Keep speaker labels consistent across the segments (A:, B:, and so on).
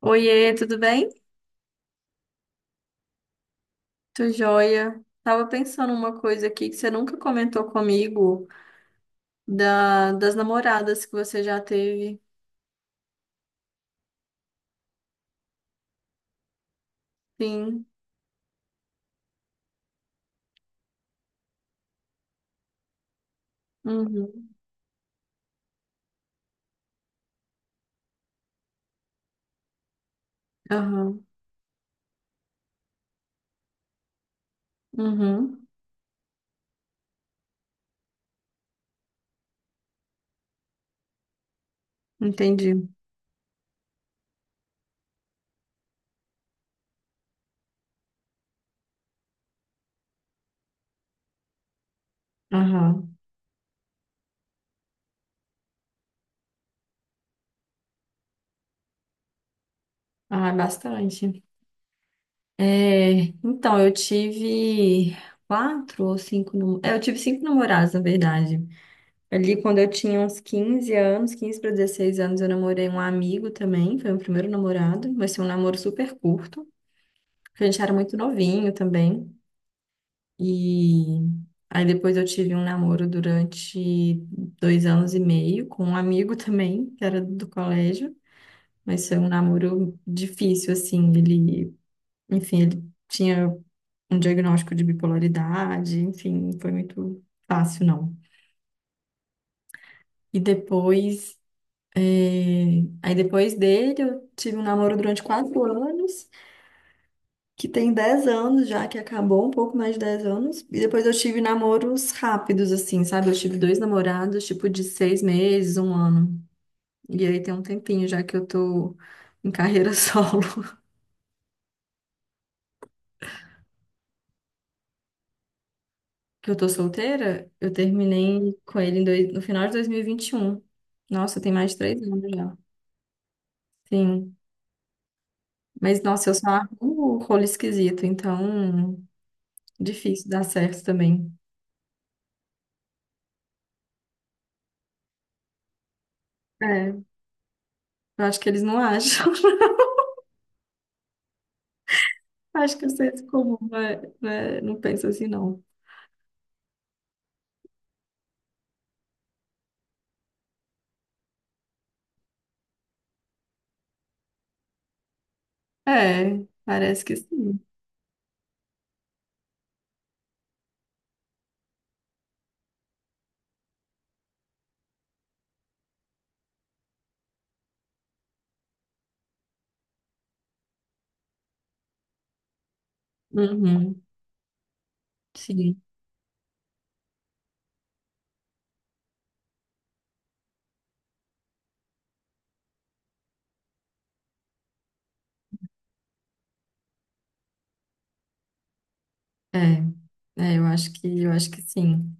A: Oiê, tudo bem? Tô joia. Tava pensando uma coisa aqui que você nunca comentou comigo das namoradas que você já teve. Sim. Uhum. Aham. Uhum. Entendi. Aham. Ah, bastante. É, então, eu tive quatro ou cinco. É, eu tive cinco namorados, na verdade. Ali, quando eu tinha uns 15 anos, 15 para 16 anos, eu namorei um amigo também. Foi meu primeiro namorado, mas foi um namoro super curto. Porque a gente era muito novinho também. E aí depois eu tive um namoro durante dois anos e meio com um amigo também, que era do colégio. Mas foi um namoro difícil, assim. Ele, enfim, ele tinha um diagnóstico de bipolaridade, enfim, não foi muito fácil, não. E depois, aí depois dele eu tive um namoro durante quatro anos, que tem 10 anos já, que acabou, um pouco mais de 10 anos. E depois eu tive namoros rápidos, assim, sabe? Eu tive dois namorados, tipo, de seis meses, um ano. E aí tem um tempinho já que eu tô em carreira solo, que eu tô solteira. Eu terminei com ele em no final de dois mil e vinte e um. Nossa, tem mais de três anos já. Sim. Mas, nossa, eu só arrumo rolo esquisito, então difícil dar certo também. É, eu acho que eles não acham. Acho que o senso comum não, não pensa assim, não. É, parece que sim. Uhum, sim. É, é, eu acho que sim.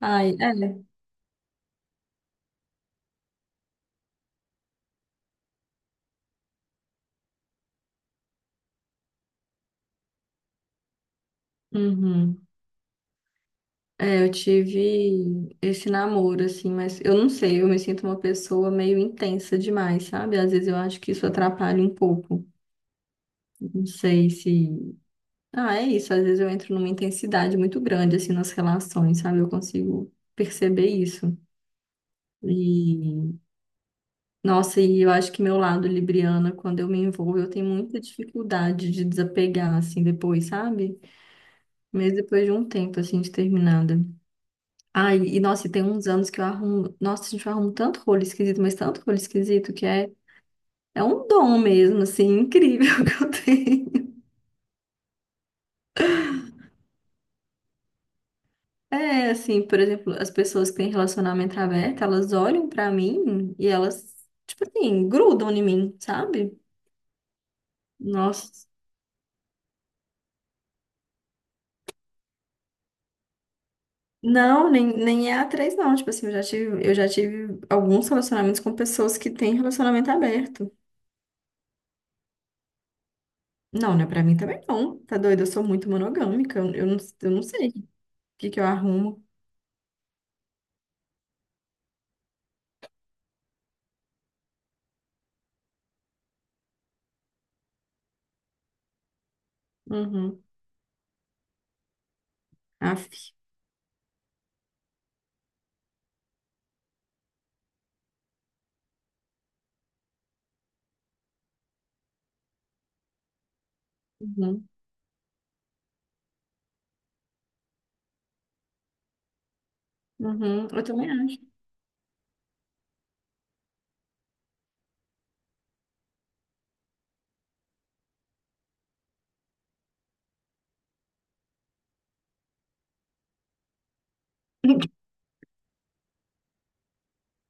A: Ai, é. Uhum. É, eu tive esse namoro, assim, mas eu não sei, eu me sinto uma pessoa meio intensa demais, sabe? Às vezes eu acho que isso atrapalha um pouco. Não sei se. Ah, é isso. Às vezes eu entro numa intensidade muito grande, assim, nas relações, sabe? Eu consigo perceber isso. E nossa, e eu acho que meu lado libriana, quando eu me envolvo, eu tenho muita dificuldade de desapegar, assim, depois, sabe? Mesmo depois de um tempo, assim, de terminada. Ai, e nossa, e tem uns anos que eu arrumo. Nossa, a gente arruma tanto rolo esquisito, mas tanto rolo esquisito que é, é um dom mesmo, assim, incrível que eu tenho. É, assim, por exemplo, as pessoas que têm relacionamento aberto, elas olham pra mim e elas, tipo assim, grudam em mim, sabe? Nossa. Não, nem é a três não. Tipo assim, eu já tive alguns relacionamentos com pessoas que têm relacionamento aberto. Não, não é pra mim também não. Tá doido? Eu sou muito monogâmica. Eu não sei que eu arrumo. Uhum. Aff. Uhum. Uhum. Eu também acho.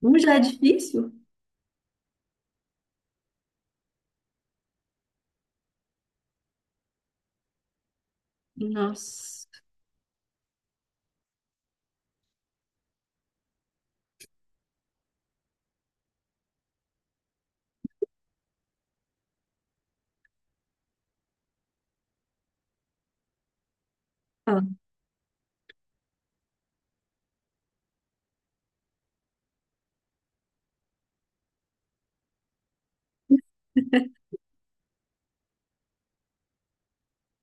A: Um já é difícil. Nossa. Ah,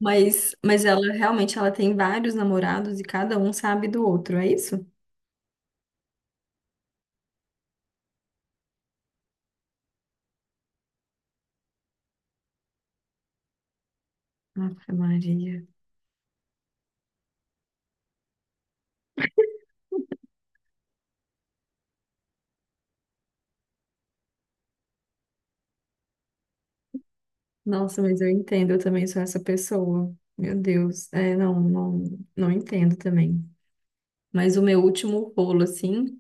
A: mas, ela realmente ela tem vários namorados e cada um sabe do outro, é isso? Ave Maria. Nossa, mas eu entendo, eu também sou essa pessoa. Meu Deus, é, não, não entendo também. Mas o meu último rolo, assim,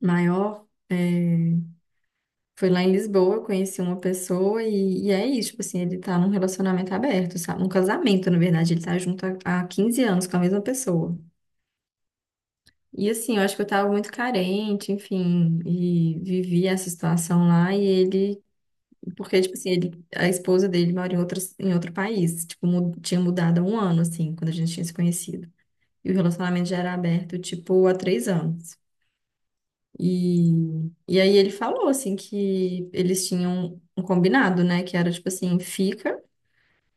A: maior, é, foi lá em Lisboa, eu conheci uma pessoa e é isso, tipo assim, ele tá num relacionamento aberto, sabe? Um casamento, na verdade, ele tá junto há 15 anos com a mesma pessoa. E assim, eu acho que eu tava muito carente, enfim, e vivi essa situação lá e ele. Porque, tipo assim, ele, a esposa dele mora em outro país. Tipo, tinha mudado há um ano, assim, quando a gente tinha se conhecido. E o relacionamento já era aberto, tipo, há três anos. E, e aí ele falou, assim, que eles tinham um combinado, né? Que era, tipo assim, fica,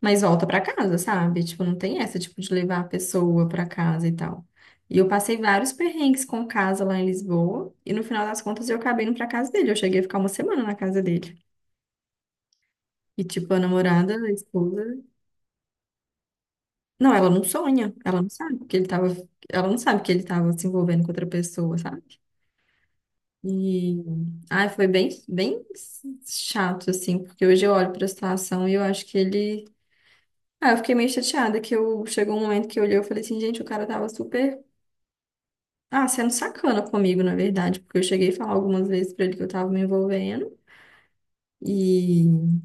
A: mas volta pra casa, sabe? Tipo, não tem essa, tipo, de levar a pessoa pra casa e tal. E eu passei vários perrengues com casa lá em Lisboa. E no final das contas, eu acabei indo pra casa dele. Eu cheguei a ficar uma semana na casa dele. E, tipo, a namorada, a esposa. Não, ela não sonha, ela não sabe que ele tava se envolvendo com outra pessoa, sabe? E ai, foi bem, bem chato, assim, porque hoje eu olho pra situação e eu acho que ele. Ah, eu fiquei meio chateada que eu chegou um momento que eu olhei e falei assim, gente, o cara tava super, ah, sendo sacana comigo, na verdade, porque eu cheguei a falar algumas vezes pra ele que eu tava me envolvendo. e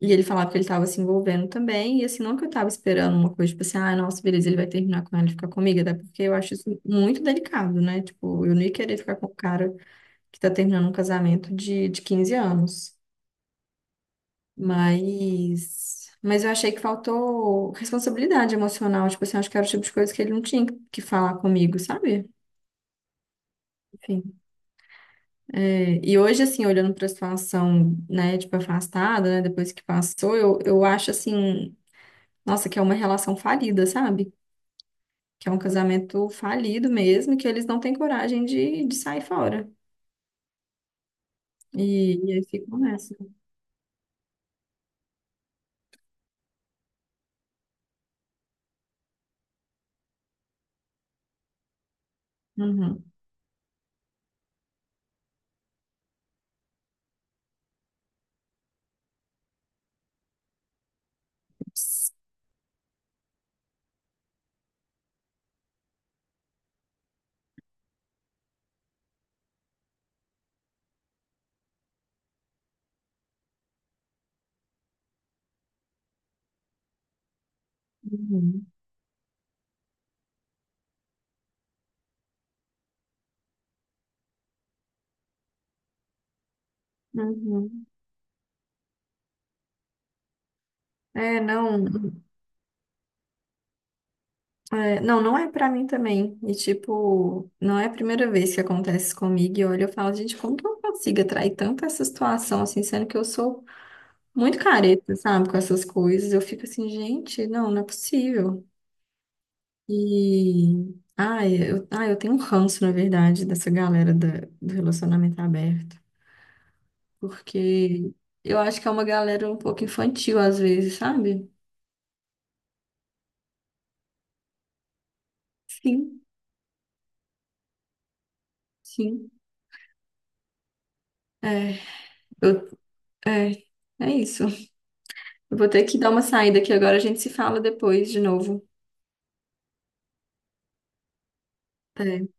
A: E ele falava que ele estava se envolvendo também, e assim, não que eu estava esperando uma coisa, tipo assim, ah, nossa, beleza, ele vai terminar com ela e ficar comigo, até porque eu acho isso muito delicado, né? Tipo, eu não ia querer ficar com o cara que tá terminando um casamento de 15 anos. Mas, eu achei que faltou responsabilidade emocional, tipo assim, acho que era o tipo de coisa que ele não tinha que falar comigo, sabe? Enfim. É, e hoje, assim, olhando para a situação, né, tipo, afastada, né, depois que passou, eu acho, assim, nossa, que é uma relação falida, sabe? Que é um casamento falido mesmo, e que eles não têm coragem de sair fora. E aí ficam nessa. Uhum. Uhum. Uhum. É, não, é, não, não é pra mim também. E tipo, não é a primeira vez que acontece isso comigo. E olha, eu falo, gente, como que eu consigo atrair tanto essa situação assim, sendo que eu sou muito careta, sabe, com essas coisas. Eu fico assim, gente, não, não é possível. E. Ah, eu tenho um ranço, na verdade, do relacionamento aberto. Porque eu acho que é uma galera um pouco infantil, às vezes, sabe? Sim, sim. É, eu, é, é isso. Eu vou ter que dar uma saída aqui agora, a gente se fala depois de novo. É.